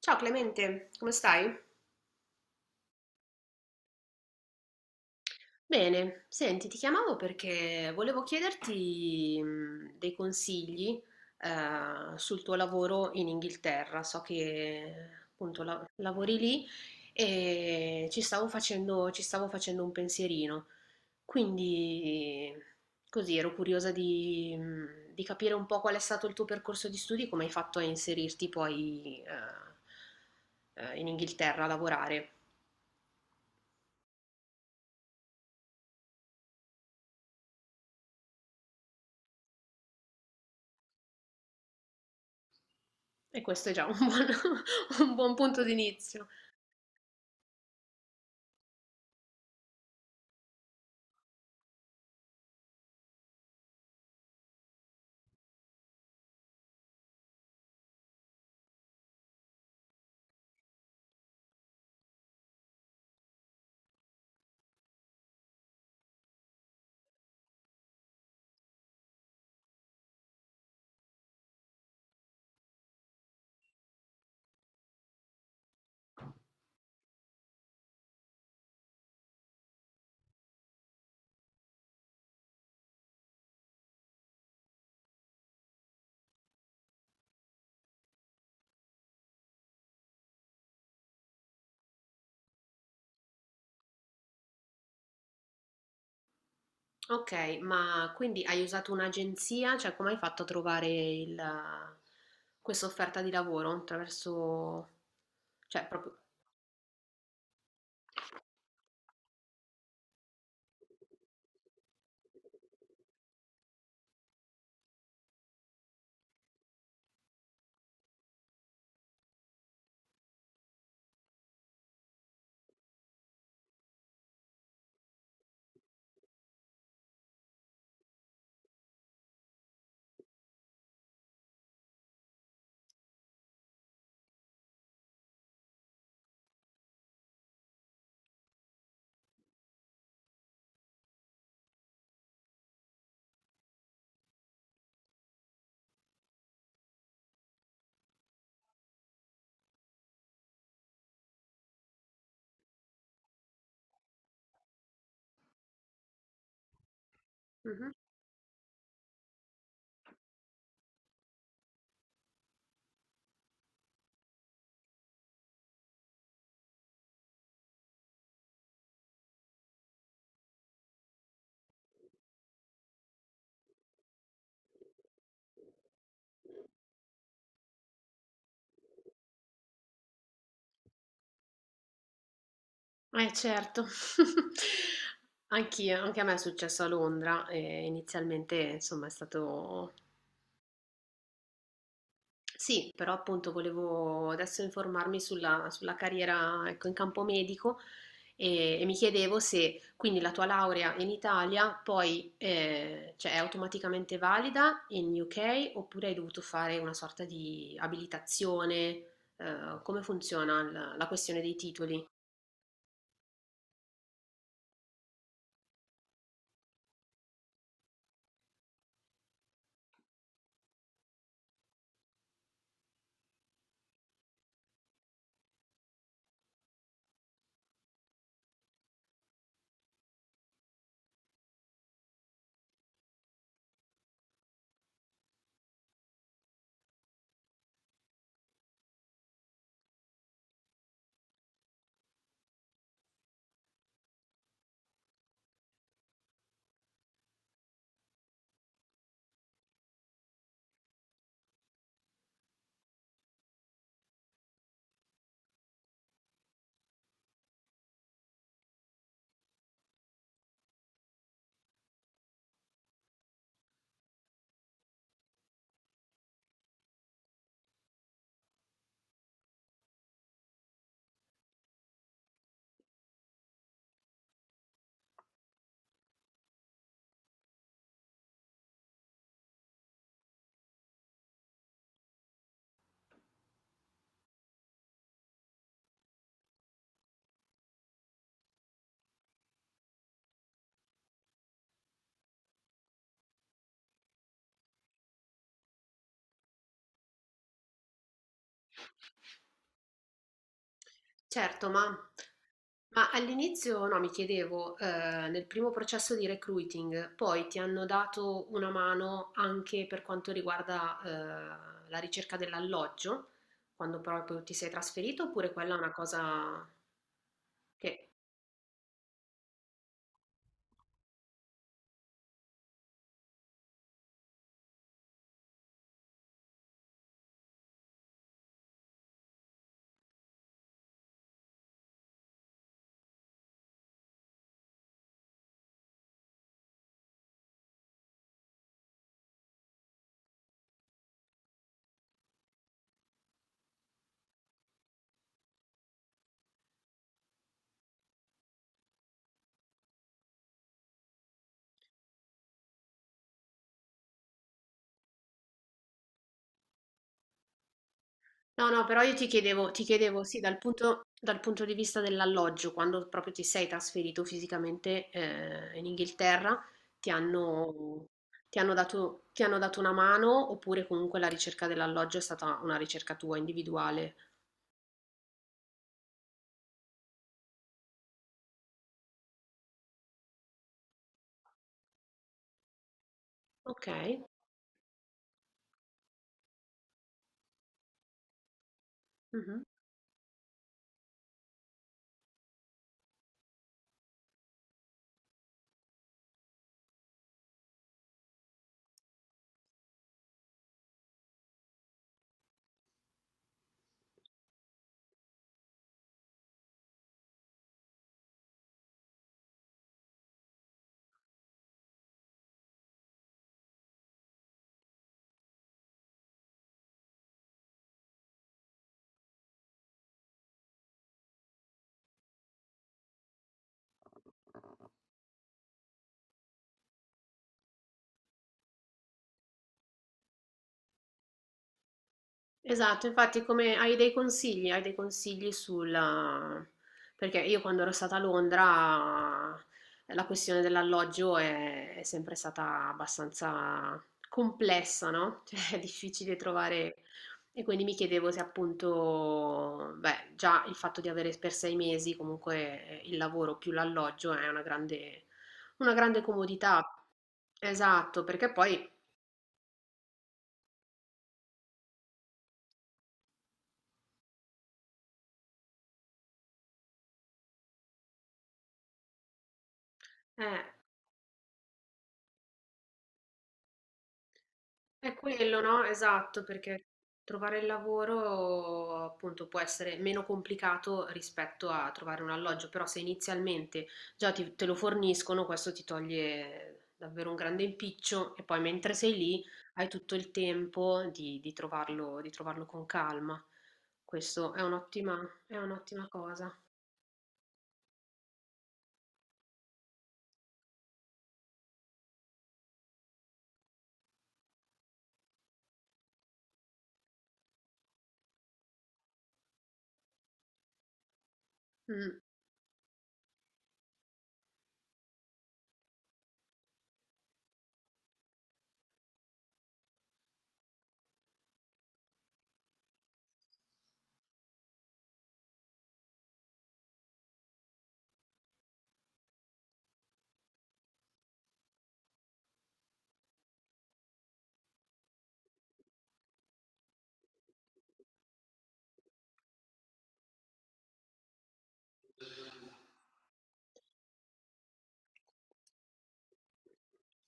Ciao Clemente, come stai? Bene, senti, ti chiamavo perché volevo chiederti dei consigli sul tuo lavoro in Inghilterra. So che appunto lavori lì e ci stavo facendo un pensierino. Quindi così ero curiosa di capire un po' qual è stato il tuo percorso di studi, come hai fatto a inserirti poi in Inghilterra a lavorare. E questo è già un buon, un buon punto d'inizio. Ok, ma quindi hai usato un'agenzia? Cioè, come hai fatto a trovare questa offerta di lavoro? Attraverso... Cioè, proprio... Mhm. Certo. Anch'io, anche a me è successo a Londra e inizialmente, insomma, è stato sì, però appunto volevo adesso informarmi sulla carriera, ecco, in campo medico e mi chiedevo se quindi la tua laurea in Italia poi cioè, è automaticamente valida in UK oppure hai dovuto fare una sorta di abilitazione, come funziona la questione dei titoli? Certo, ma all'inizio no, mi chiedevo, nel primo processo di recruiting, poi ti hanno dato una mano anche per quanto riguarda, la ricerca dell'alloggio, quando proprio ti sei trasferito, oppure quella è una cosa che no, no, però io ti chiedevo, sì, dal punto di vista dell'alloggio, quando proprio ti sei trasferito fisicamente in Inghilterra, ti hanno, ti hanno dato una mano oppure comunque la ricerca dell'alloggio è stata una ricerca tua individuale? Ok. Mhm. Esatto, infatti come hai dei consigli sulla... perché io quando ero stata a Londra la questione dell'alloggio è sempre stata abbastanza complessa, no? Cioè è difficile trovare e quindi mi chiedevo se appunto, beh, già il fatto di avere per sei mesi comunque il lavoro più l'alloggio è una grande comodità. Esatto, perché poi... Eh, è quello, no? Esatto, perché trovare il lavoro appunto può essere meno complicato rispetto a trovare un alloggio, però se inizialmente già te lo forniscono, questo ti toglie davvero un grande impiccio e poi mentre sei lì hai tutto il tempo di trovarlo con calma. Questo è un'ottima cosa. Mm.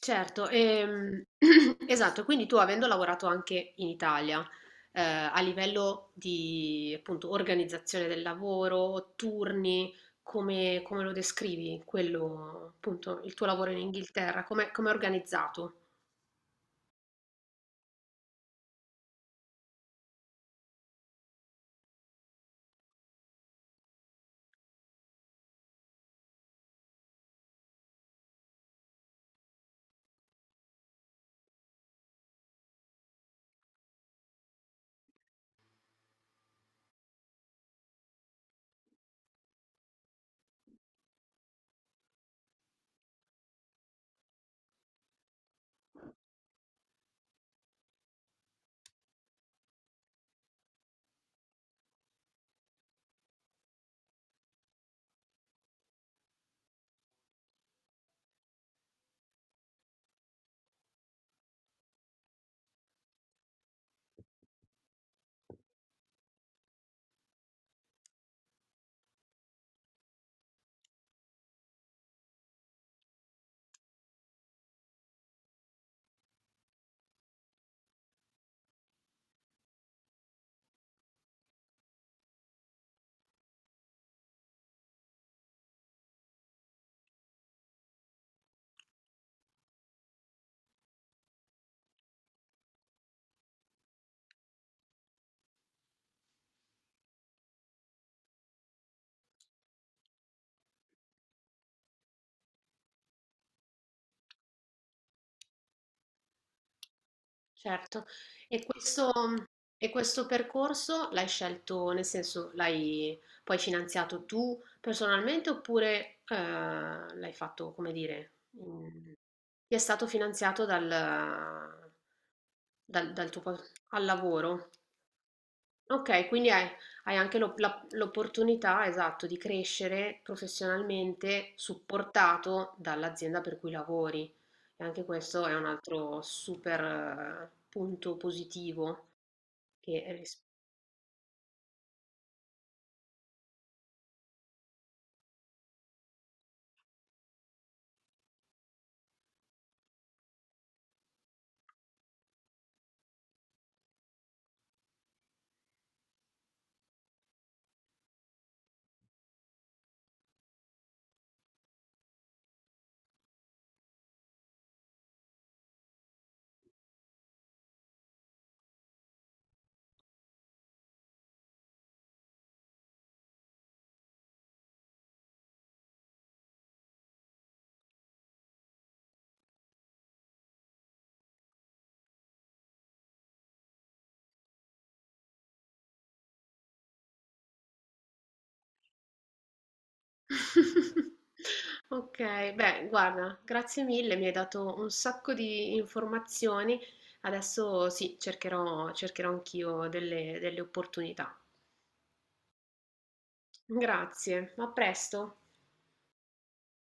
Certo, esatto, quindi tu avendo lavorato anche in Italia, a livello di appunto organizzazione del lavoro, turni, come, come lo descrivi, quello, appunto, il tuo lavoro in Inghilterra, come, come è organizzato? Certo, e questo, e questo percorso l'hai scelto, nel senso l'hai poi finanziato tu personalmente oppure l'hai fatto, come dire, in- ti è stato finanziato dal tuo al lavoro? Ok, quindi hai, hai anche l'opportunità, esatto, di crescere professionalmente supportato dall'azienda per cui lavori. E anche questo è un altro super punto positivo che Ok, beh, guarda, grazie mille, mi hai dato un sacco di informazioni. Adesso sì, cercherò, cercherò anch'io delle opportunità. Grazie, a presto.